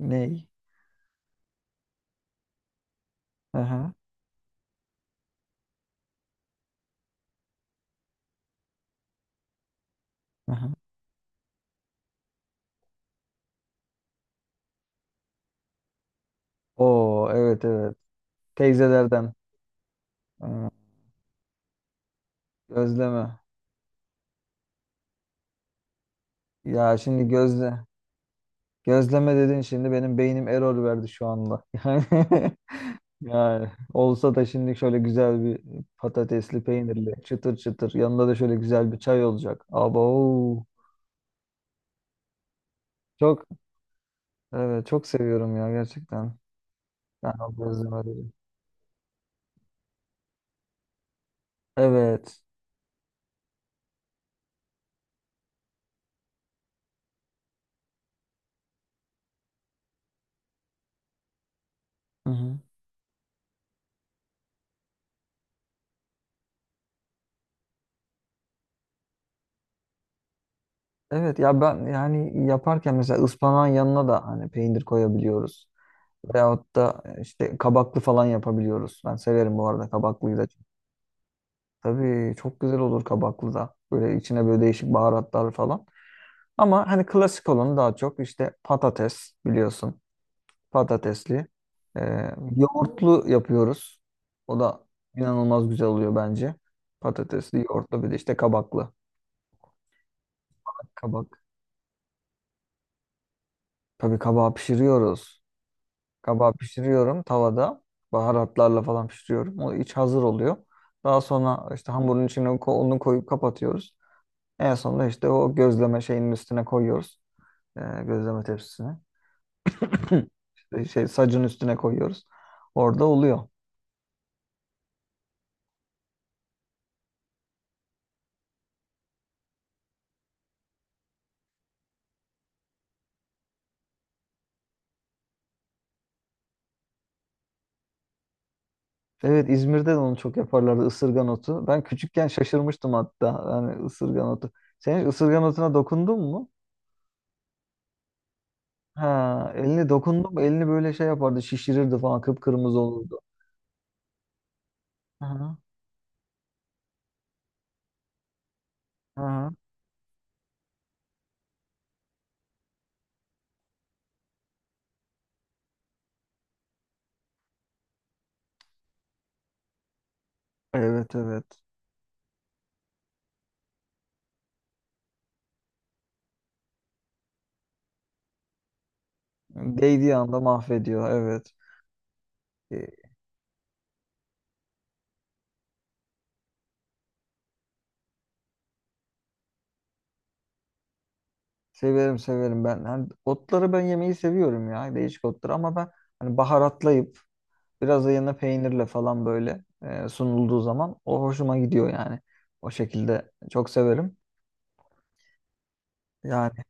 Ney? Aha, aha. Oo, evet, evet. Teyzelerden. Aa, gözleme. Ya şimdi gözle. Gözleme dedin, şimdi benim beynim error verdi şu anda. Yani, olsa da şimdi şöyle güzel bir patatesli peynirli çıtır çıtır, yanında da şöyle güzel bir çay olacak. Abo. Çok evet, çok seviyorum ya gerçekten. Ben o gözleme dedim. Evet. Hı hı. Evet ya, ben yani yaparken mesela ıspanağın yanına da hani peynir koyabiliyoruz. Veyahut da işte kabaklı falan yapabiliyoruz. Ben severim bu arada kabaklıyı da. Tabii, çok güzel olur kabaklı da. Böyle içine böyle değişik baharatlar falan. Ama hani klasik olanı daha çok, işte patates biliyorsun. Patatesli. Ee, Yoğurtlu yapıyoruz. O da inanılmaz güzel oluyor bence. Patatesli, yoğurtlu, bir de işte kabaklı. Kabak. Tabii kabağı pişiriyoruz. Kabağı pişiriyorum tavada. Baharatlarla falan pişiriyorum. O iç hazır oluyor. Daha sonra işte hamurun içine onu koyup kapatıyoruz. En sonunda işte o gözleme şeyinin üstüne koyuyoruz. Gözleme tepsisine. Sacın üstüne koyuyoruz. Orada oluyor. Evet, İzmir'de de onu çok yaparlardı, ısırgan otu. Ben küçükken şaşırmıştım hatta. Yani ısırgan otu. Sen hiç ısırgan otuna dokundun mu? Ha, elini dokundum, elini böyle şey yapardı, şişirirdi falan, kıpkırmızı olurdu. Hı hı. Hı hı. Evet, evet. Değdiği anda mahvediyor. Evet. E, Severim, severim ben. Hani otları ben yemeyi seviyorum ya. Değişik otları, ama ben hani baharatlayıp biraz da yanına peynirle falan, böyle sunulduğu zaman o hoşuma gidiyor yani. O şekilde çok severim. Yani,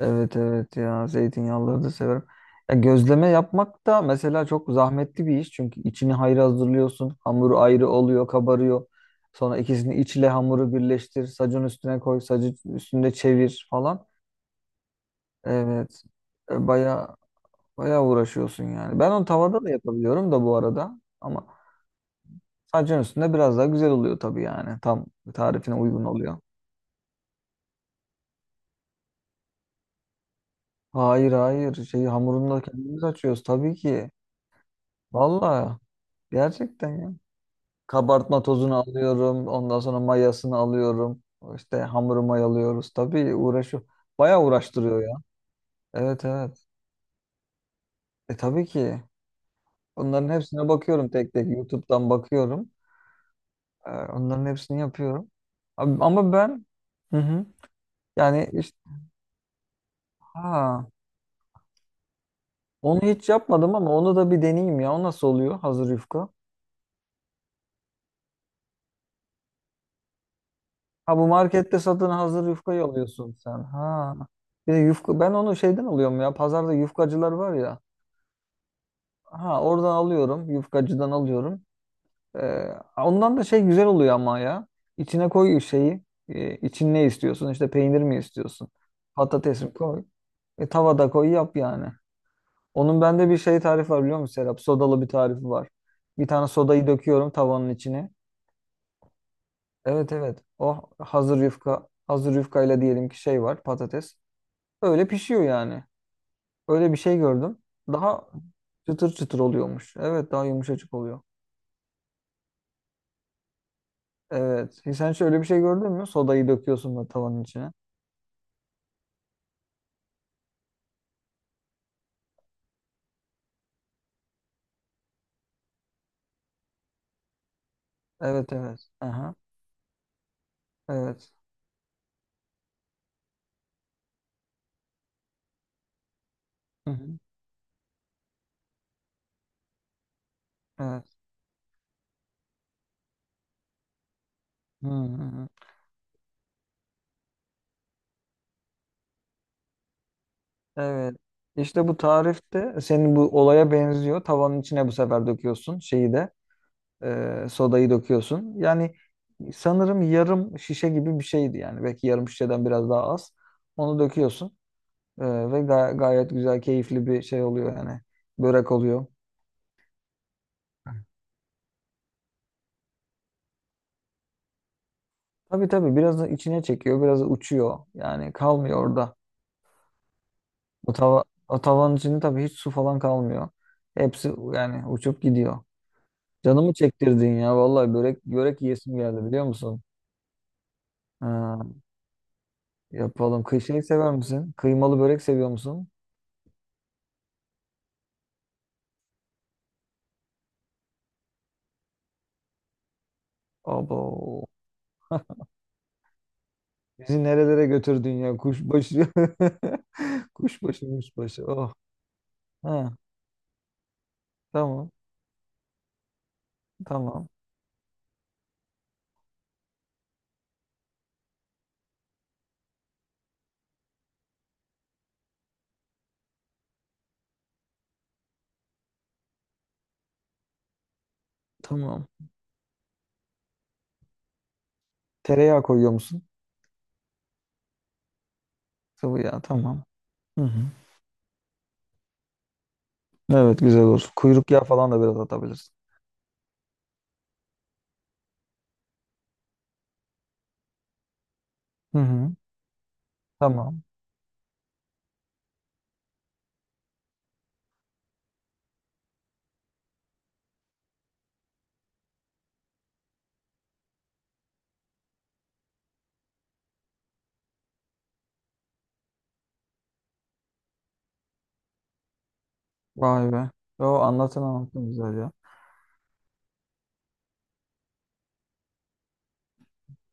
evet, evet ya, zeytinyağlıları da severim. Ya, gözleme yapmak da mesela çok zahmetli bir iş. Çünkü içini ayrı hazırlıyorsun. Hamuru ayrı oluyor, kabarıyor. Sonra ikisini, içle hamuru birleştir. Sacın üstüne koy, sacı üstünde çevir falan. Evet. Baya baya uğraşıyorsun yani. Ben onu tavada da yapabiliyorum da bu arada. Ama sacın üstünde biraz daha güzel oluyor tabii yani. Tam tarifine uygun oluyor. Hayır, hayır. Şey, hamurunu da kendimiz açıyoruz tabii ki. Vallahi gerçekten ya. Kabartma tozunu alıyorum. Ondan sonra mayasını alıyorum. İşte hamuru mayalıyoruz. Tabii uğraşıyor. Bayağı uğraştırıyor ya. Evet, evet. E, tabii ki. Onların hepsine bakıyorum tek tek. YouTube'dan bakıyorum. Onların hepsini yapıyorum. Ama ben, hı hı. Yani işte, ha, onu hiç yapmadım, ama onu da bir deneyeyim ya. O nasıl oluyor hazır yufka? Ha, bu markette satın hazır yufkayı alıyorsun sen. Ha. Bir de yufka, ben onu şeyden alıyorum ya. Pazarda yufkacılar var ya. Ha, oradan alıyorum. Yufkacıdan alıyorum. Ee, Ondan da şey güzel oluyor ama ya. İçine koy şeyi. İçin ne istiyorsun? İşte peynir mi istiyorsun? Patates mi koy? Tavada koy yap yani. Onun bende bir şey tarifi var biliyor musun Serap? Sodalı bir tarifi var. Bir tane sodayı döküyorum tavanın içine. Evet, evet. O hazır yufka. Hazır yufkayla diyelim ki şey var, patates. Öyle pişiyor yani. Öyle bir şey gördüm. Daha çıtır çıtır oluyormuş. Evet, daha yumuşacık oluyor. Evet. Sen şöyle bir şey gördün mü? Sodayı döküyorsun da tavanın içine. Evet, evet. Aha. Evet. Hı hı. Evet. Hı hı hı. Evet. İşte bu tarifte senin bu olaya benziyor. Tavanın içine bu sefer döküyorsun şeyi de, sodayı döküyorsun. Yani sanırım yarım şişe gibi bir şeydi yani. Belki yarım şişeden biraz daha az. Onu döküyorsun. E, ve gayet güzel, keyifli bir şey oluyor yani. Börek oluyor. Tabii, tabii biraz da içine çekiyor, biraz da uçuyor. Yani kalmıyor orada. O, tava, o tavanın içinde tabii hiç su falan kalmıyor. Hepsi yani uçup gidiyor. Canımı çektirdin ya. Vallahi börek, börek yiyesim geldi biliyor musun? Ha, yapalım. Şey sever misin? Kıymalı börek seviyor musun? Abo. Bizi nerelere götürdün ya, kuşbaşı. Kuşbaşı, kuşbaşı. Oh. Ha, tamam. Tamam. Tamam. Tereyağı koyuyor musun? Sıvı yağ. Tamam. Hı hı. Evet, güzel olur. Kuyruk yağı falan da biraz atabilirsin. Hı hı. Tamam. Vay be. Yo, anlatın anlatın, güzel ya.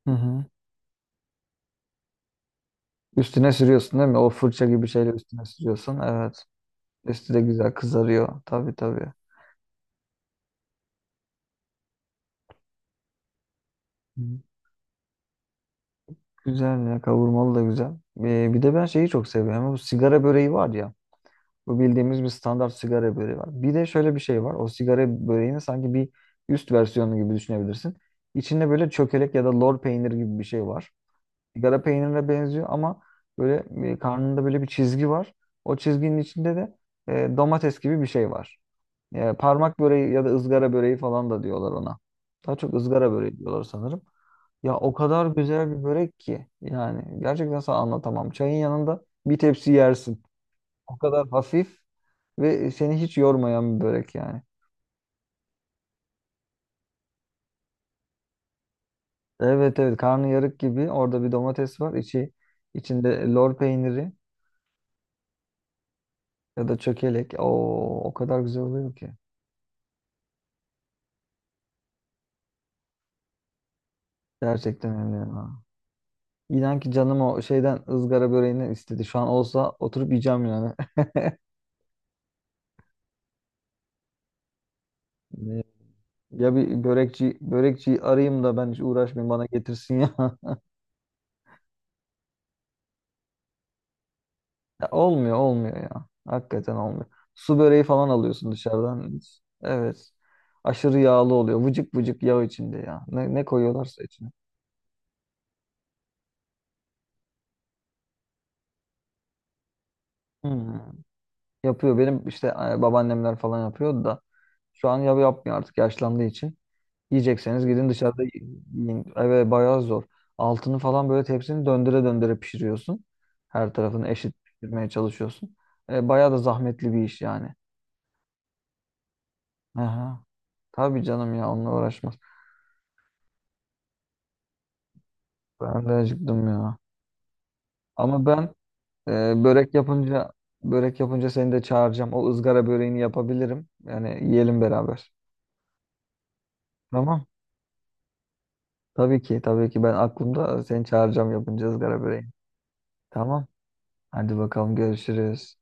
Hı hı. Üstüne sürüyorsun değil mi? O fırça gibi şeyle üstüne sürüyorsun. Evet. Üstü de güzel kızarıyor. Tabii, tabii. Hı. Güzel ya, kavurmalı da güzel. Bir de ben şeyi çok seviyorum. Bu sigara böreği var ya. Bu bildiğimiz bir standart sigara böreği var. Bir de şöyle bir şey var. O sigara böreğinin sanki bir üst versiyonu gibi düşünebilirsin. İçinde böyle çökelek ya da lor peyniri gibi bir şey var. Sigara peynirine benziyor, ama karnında böyle bir çizgi var. O çizginin içinde de domates gibi bir şey var. Parmak böreği ya da ızgara böreği falan da diyorlar ona. Daha çok ızgara böreği diyorlar sanırım. Ya, o kadar güzel bir börek ki yani, gerçekten sana anlatamam. Çayın yanında bir tepsi yersin. O kadar hafif ve seni hiç yormayan bir börek yani. Evet, evet, karnıyarık gibi, orada bir domates var. İçi, içinde lor peyniri ya da çökelek. Oo, o kadar güzel oluyor ki. Gerçekten öyle ya. İnan ki canım, o şeyden, ızgara böreğinden istedi. Şu an olsa oturup yiyeceğim yani. Ne- Ya, bir börekçiyi arayayım da ben hiç uğraşmayayım, bana getirsin ya. Ya olmuyor, olmuyor ya. Hakikaten olmuyor. Su böreği falan alıyorsun dışarıdan. Evet. Aşırı yağlı oluyor. Vıcık vıcık yağ içinde ya. Ne, ne koyuyorlarsa içine. Hmm. Yapıyor. Benim işte babaannemler falan yapıyordu da. Şu an ya yapmıyor artık, yaşlandığı için. Yiyecekseniz gidin dışarıda yiyin. Evet, bayağı zor. Altını falan böyle, tepsini döndüre döndüre pişiriyorsun. Her tarafını eşit pişirmeye çalışıyorsun. Bayağı da zahmetli bir iş yani. Aha. Tabii canım ya, onunla uğraşmaz. Ben de acıktım ya. Ama ben e, börek yapınca börek yapınca seni de çağıracağım. O ızgara böreğini yapabilirim. Yani yiyelim beraber. Tamam. Tabii ki, tabii ki, ben aklımda, seni çağıracağım yapınca ızgara böreğini. Tamam. Hadi bakalım, görüşürüz.